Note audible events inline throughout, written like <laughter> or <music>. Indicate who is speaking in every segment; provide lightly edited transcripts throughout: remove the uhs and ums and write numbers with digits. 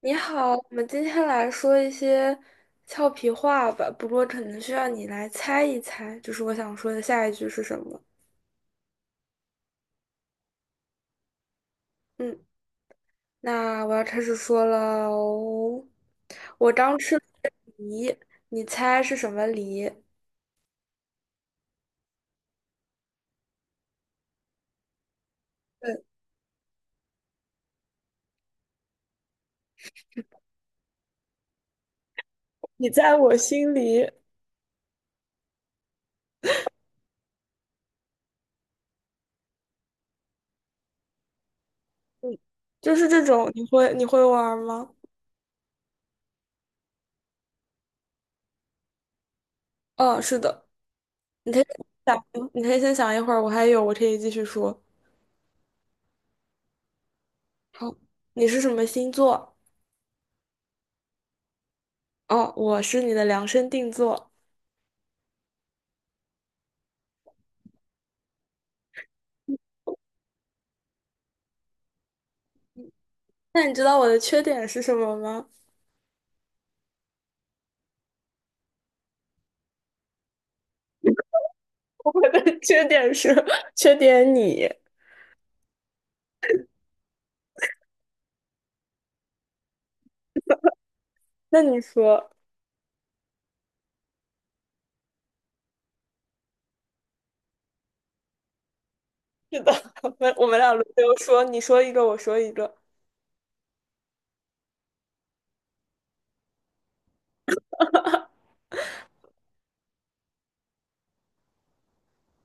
Speaker 1: 你好，我们今天来说一些俏皮话吧，不过可能需要你来猜一猜，就是我想说的下一句是什么。嗯，那我要开始说了哦。我刚吃了梨，你猜是什么梨？对，你在我心里，就是这种，你会玩吗？嗯，是的，你可以你可以先想一会儿，我还有，我可以继续说。好，你是什么星座？哦，我是你的量身定做。那你知道我的缺点是什么吗？<laughs> 我的缺点是 <laughs> 缺点你。那你说，是的，<laughs> 我们俩轮流说，你说一个，我说一个。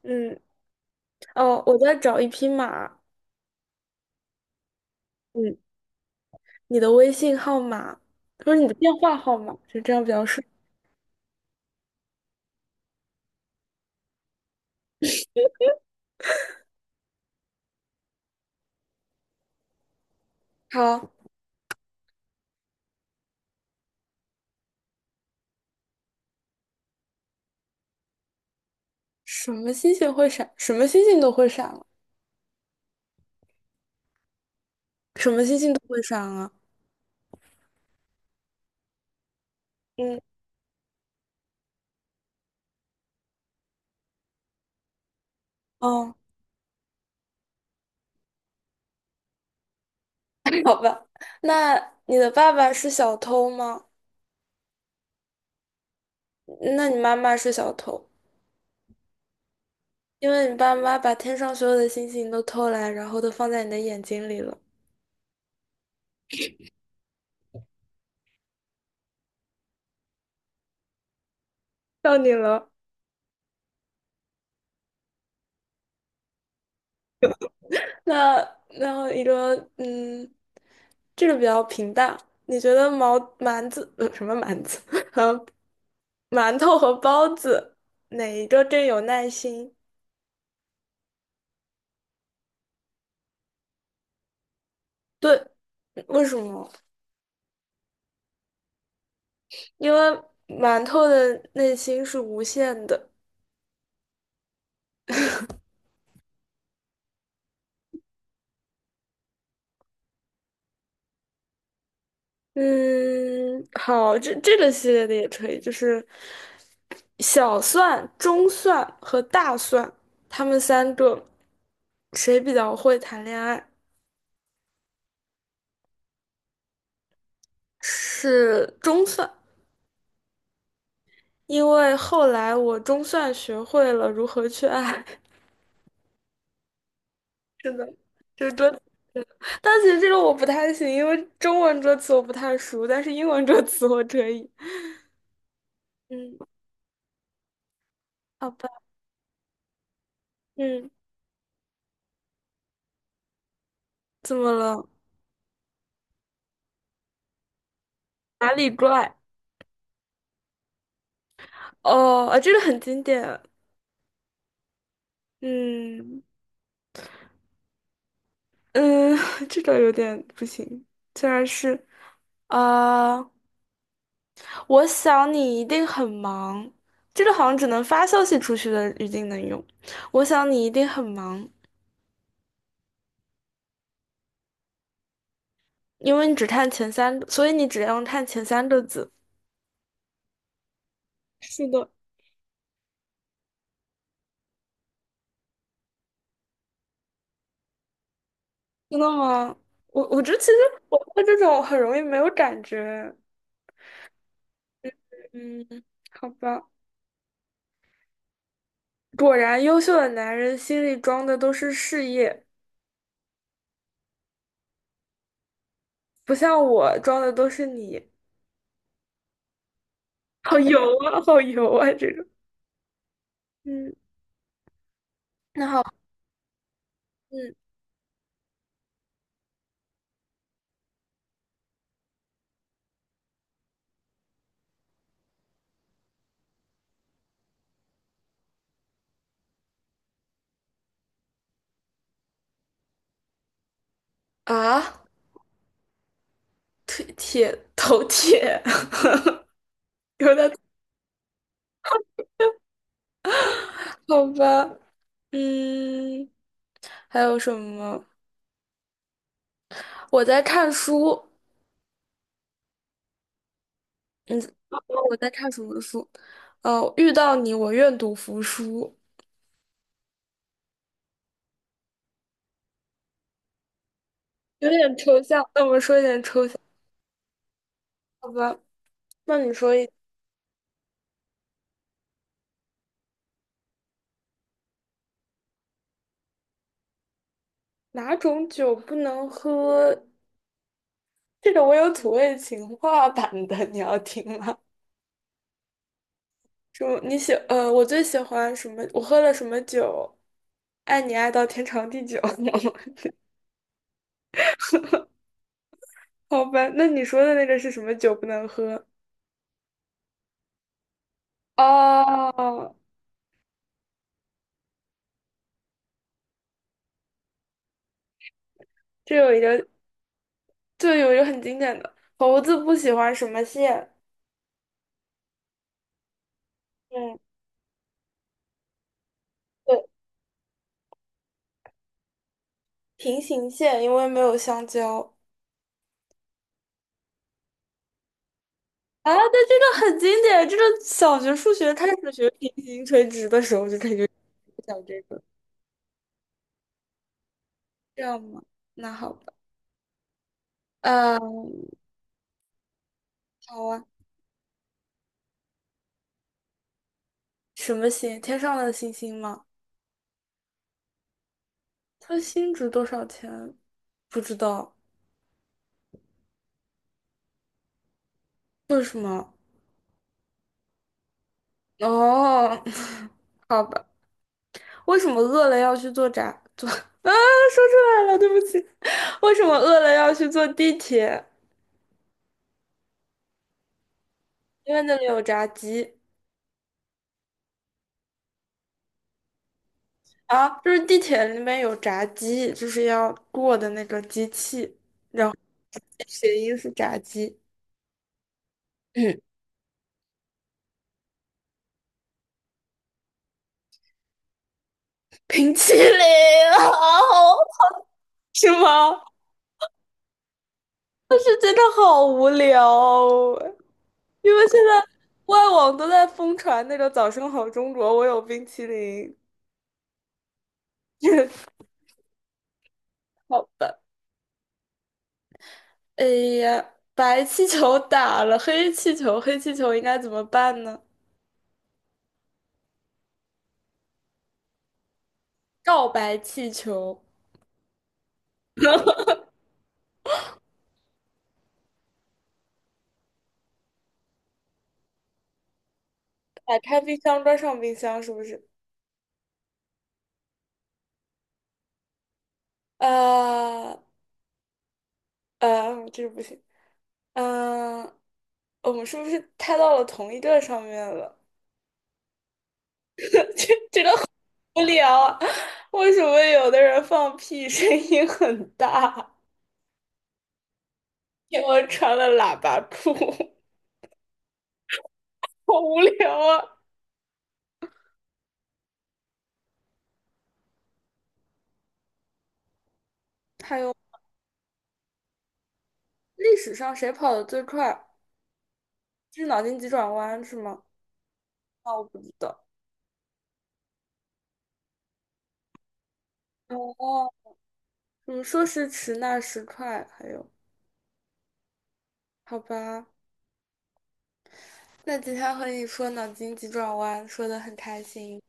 Speaker 1: 嗯，哦，我在找一匹马。嗯，你的微信号码，不是你的电话号码，就这样比较顺。好，什么星星会闪？什么星星都会闪了，什么星星都会闪啊？嗯，哦，<laughs> 好吧。那你的爸爸是小偷吗？那你妈妈是小偷？因为你爸妈把天上所有的星星都偷来，然后都放在你的眼睛里了。到你了。那然后一个，这个比较平淡。你觉得毛馒子呃什么馒子 <laughs> 和馒头和包子哪一个更有耐心？对，为什么？因为馒头的内心是无限的。嗯，好，这个系列的也可以，就是小蒜、中蒜和大蒜，他们三个谁比较会谈恋爱？是中蒜，因为后来我中蒜学会了如何去爱。<laughs> 真的，这歌词，但其实这个我不太行，因为中文歌词我不太熟，但是英文歌词我可以。嗯，好吧。嗯，怎么了？哪里怪？哦，啊，这个很经典。嗯嗯，<laughs> 这个有点不行。竟然是，啊、我想你一定很忙。这个好像只能发消息出去的语境能用。我想你一定很忙，因为你只看前三个，所以你只要看前三个字。是的，真的吗？我觉得其实我对这种很容易没有感觉。嗯，好吧。果然，优秀的男人心里装的都是事业，不像我装的都是你。<laughs> 好油啊，好油啊，这种。嗯，那好，嗯啊，腿铁头铁，<laughs> 有点好吧。嗯，还有什么？我在看书。嗯，我在看什么书？遇到你，我愿赌服输。有点抽象，那我们说一点抽象，好吧？那你说一哪种酒不能喝？这个我有土味情话版的，你要听吗？就你喜呃，我最喜欢什么？我喝了什么酒？爱你爱到天长地久。<laughs> 好吧，那你说的那个是什么酒不能喝？哦，这有一个，这有一个很经典的，猴子不喜欢什么线？嗯，对，平行线，因为没有香蕉。啊，那这个很经典，这个小学数学开始学平行垂直的时候就感觉讲这个，这样吗？那好吧，嗯，好啊，什么星？天上的星星吗？它新值多少钱？不知道，为什么？哦，<laughs> 好吧，为什么饿了要去坐 <laughs>？啊，说出来了，对不起。<laughs> 为什么饿了要去坐地铁？因为那里有炸鸡啊，就是地铁里面有炸鸡，就是要过的那个机器，谐音是炸鸡。嗯，冰淇淋啊，<laughs> 是吗？但是真的好无聊哦，因为现在外网都在疯传那个"早上好，中国"，我有冰淇淋。<laughs> 好吧，哎呀，白气球打了黑气球，黑气球应该怎么办呢？告白气球，打开冰箱，关上冰箱，是不是？呃这个不行。嗯、我们是不是太到了同一个上面了？<laughs> 这个无聊，为什么有的人放屁声音很大？因为穿了喇叭裤，<laughs> 好无聊啊！还有历史上谁跑得最快？这是脑筋急转弯是吗？啊，我不知道。哦，说时迟，那时快。还有，好吧，那今天和你说脑筋急转弯，说的很开心，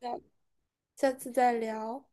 Speaker 1: 下下次再聊。